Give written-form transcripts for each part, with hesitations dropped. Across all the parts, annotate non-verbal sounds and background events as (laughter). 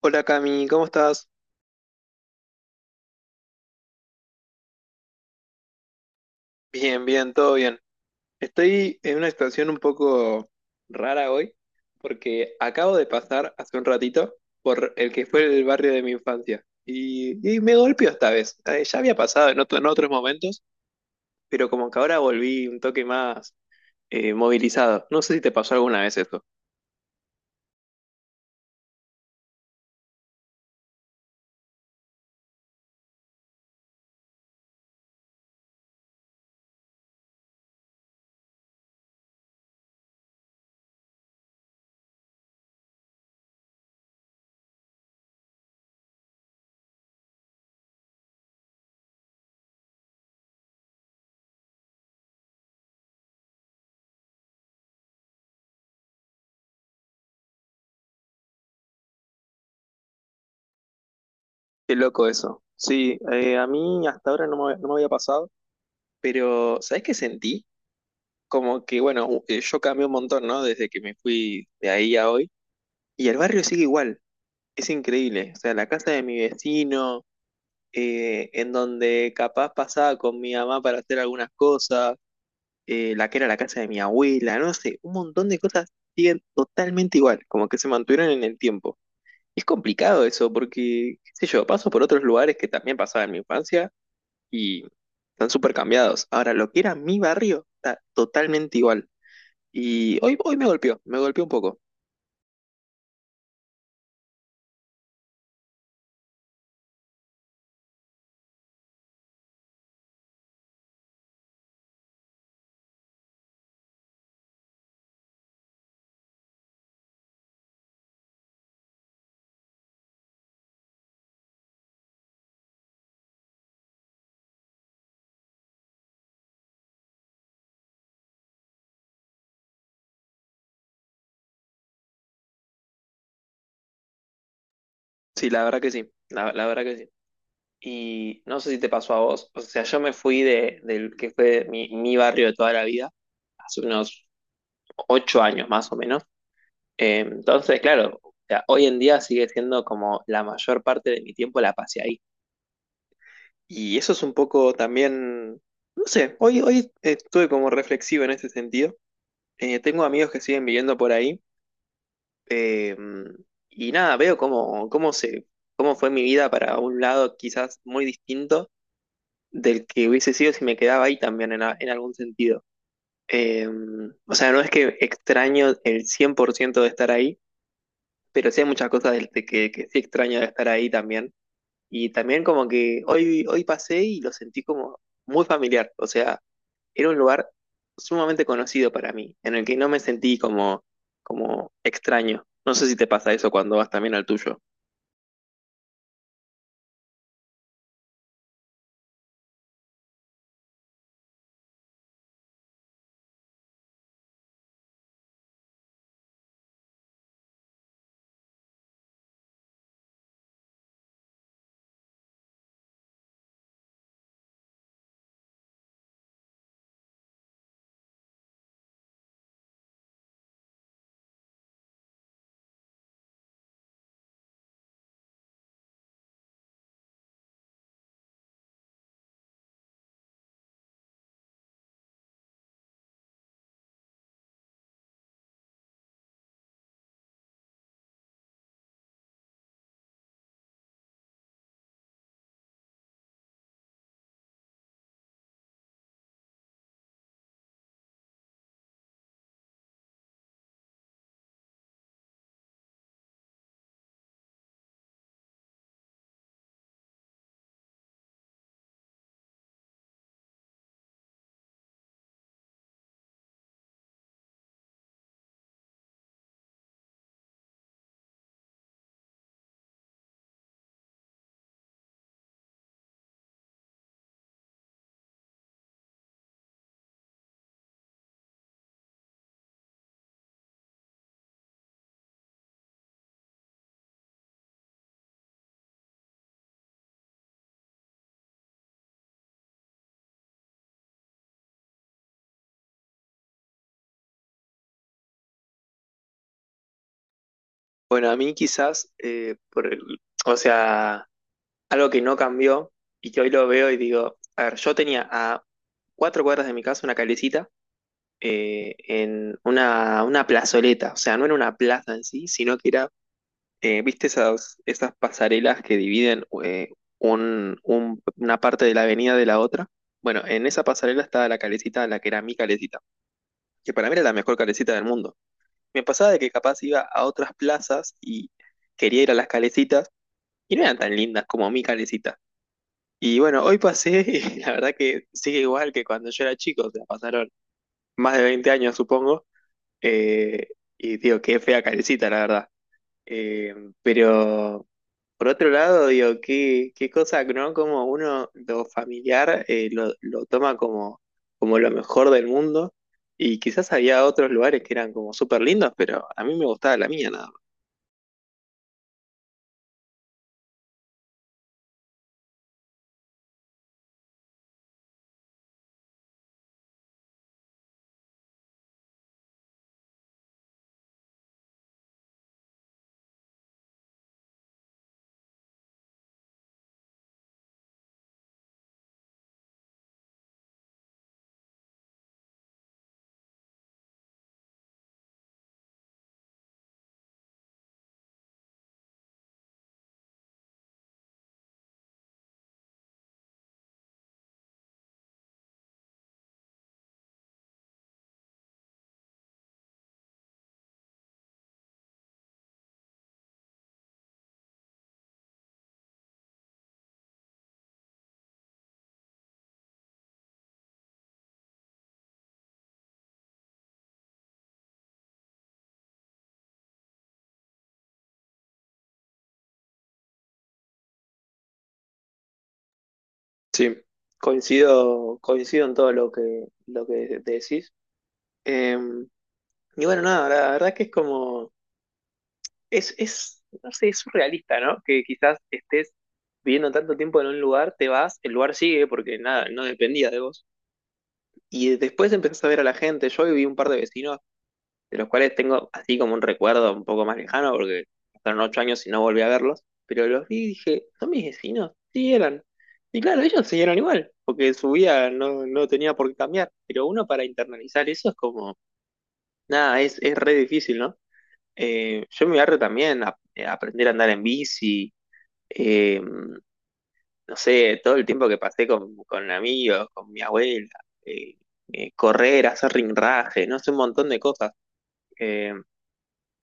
Hola Cami, ¿cómo estás? Bien, bien, todo bien. Estoy en una situación un poco rara hoy porque acabo de pasar hace un ratito por el que fue el barrio de mi infancia y me golpeó esta vez. Ya había pasado en en otros momentos, pero como que ahora volví un toque más movilizado. No sé si te pasó alguna vez eso. Qué loco eso. Sí, a mí hasta ahora no me había pasado, pero ¿sabés qué sentí? Como que, bueno, yo cambié un montón, ¿no? Desde que me fui de ahí a hoy. Y el barrio sigue igual, es increíble. O sea, la casa de mi vecino, en donde capaz pasaba con mi mamá para hacer algunas cosas, la que era la casa de mi abuela, no sé, un montón de cosas siguen totalmente igual, como que se mantuvieron en el tiempo. Es complicado eso, porque, qué sé yo, paso por otros lugares que también pasaba en mi infancia y están súper cambiados. Ahora, lo que era mi barrio está totalmente igual. Y hoy me golpeó un poco. Sí, la verdad que sí, la verdad que sí. Y no sé si te pasó a vos, o sea, yo me fui de, del que fue mi barrio de toda la vida, hace unos 8 años más o menos. Entonces, claro, o sea, hoy en día sigue siendo como la mayor parte de mi tiempo la pasé ahí. Y eso es un poco también, no sé, hoy estuve como reflexivo en ese sentido. Tengo amigos que siguen viviendo por ahí. eh, y nada, veo cómo fue mi vida para un lado quizás muy distinto del que hubiese sido si me quedaba ahí también en algún sentido. Eh, o sea, no es que extraño el 100% de estar ahí, pero sí hay muchas cosas que sí extraño de estar ahí también. Y también como que hoy pasé y lo sentí como muy familiar. O sea, era un lugar sumamente conocido para mí, en el que no me sentí como extraño. No sé si te pasa eso cuando vas también al tuyo. Bueno, a mí quizás, por o sea... Algo que no cambió y que hoy lo veo y digo, a ver, yo tenía a 4 cuadras de mi casa una calecita en una plazoleta, o sea, no era una plaza en sí, sino que era, viste esas pasarelas que dividen una parte de la avenida de la otra. Bueno, en esa pasarela estaba la calecita, la que era mi calecita, que para mí era la mejor calecita del mundo. Me pasaba de que capaz iba a otras plazas y quería ir a las calecitas y no eran tan lindas como mi calecita. Y bueno, hoy pasé (laughs) y la verdad que sigue igual que cuando yo era chico, o sea, pasaron más de 20 años, supongo, eh, y digo, qué fea carecita, la verdad. Eh, pero por otro lado, digo, qué cosa, ¿no? Como uno lo familiar lo toma como lo mejor del mundo, y quizás había otros lugares que eran como súper lindos, pero a mí me gustaba la mía nada más. Sí, coincido, coincido en todo lo que decís. Em, Y bueno, nada, la verdad que es como, es, no sé, es surrealista, ¿no? Que quizás estés viviendo tanto tiempo en un lugar, te vas, el lugar sigue porque nada, no dependía de vos. Y después empezás a ver a la gente. Yo viví un par de vecinos, de los cuales tengo así como un recuerdo un poco más lejano, porque pasaron 8 años y no volví a verlos. Pero los vi y dije, ¿son mis vecinos? Sí, eran. Y claro, ellos siguieron igual, porque su vida no, no tenía por qué cambiar. Pero uno para internalizar eso es como, nada, es re difícil, ¿no? Yo en mi barrio también aprender a andar en bici, eh, no sé, todo el tiempo que pasé con amigos, con mi abuela, eh, correr, hacer ringraje, no sé, un montón de cosas. Eh,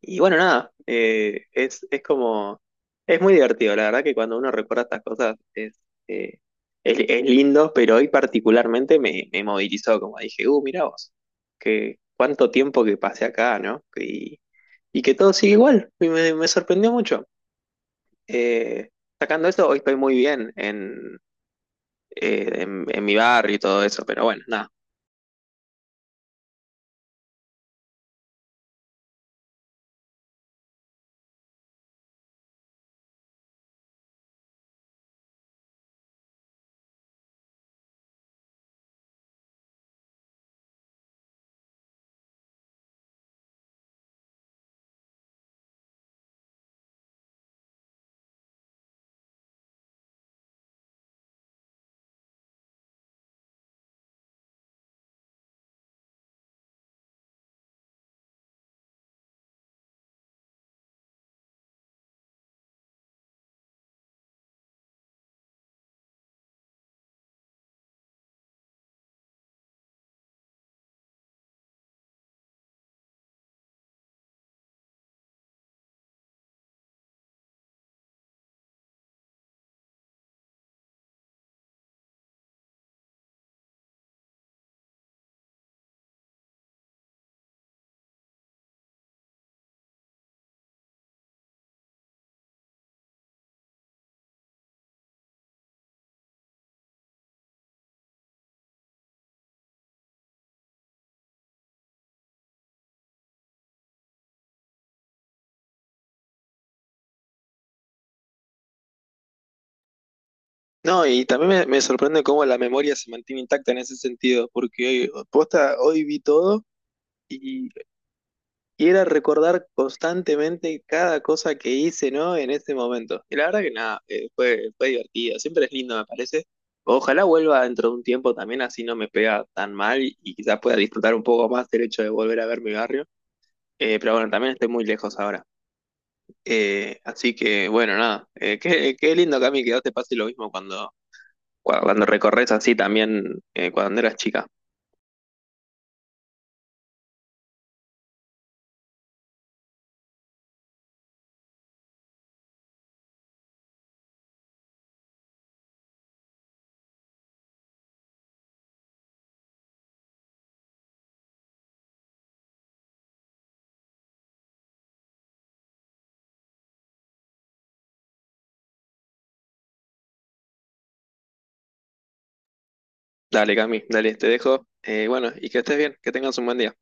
y bueno, nada, es como, es muy divertido, la verdad que cuando uno recuerda estas cosas es, eh, es lindo, pero hoy particularmente me, me movilizó, como dije, mirá vos, que cuánto tiempo que pasé acá, ¿no? Y que todo sigue igual, y me sorprendió mucho. Eh, Sacando eso, hoy estoy muy bien en mi barrio y todo eso, pero bueno, nada. No, y también me sorprende cómo la memoria se mantiene intacta en ese sentido, porque hoy, posta, hoy vi todo y, y era recordar constantemente cada cosa que hice, ¿no? En ese momento. Y la verdad que nada, fue, fue divertido, siempre es lindo, me parece. Ojalá vuelva dentro de un tiempo también, así no me pega tan mal y quizás pueda disfrutar un poco más del hecho de volver a ver mi barrio. Pero bueno, también estoy muy lejos ahora. Así que, bueno, nada. Qué, qué lindo, Cami, que a vos te pase lo mismo cuando, cuando recorres así también cuando eras chica. Dale, Cami, dale, te dejo. Bueno, y que estés bien, que tengas un buen día.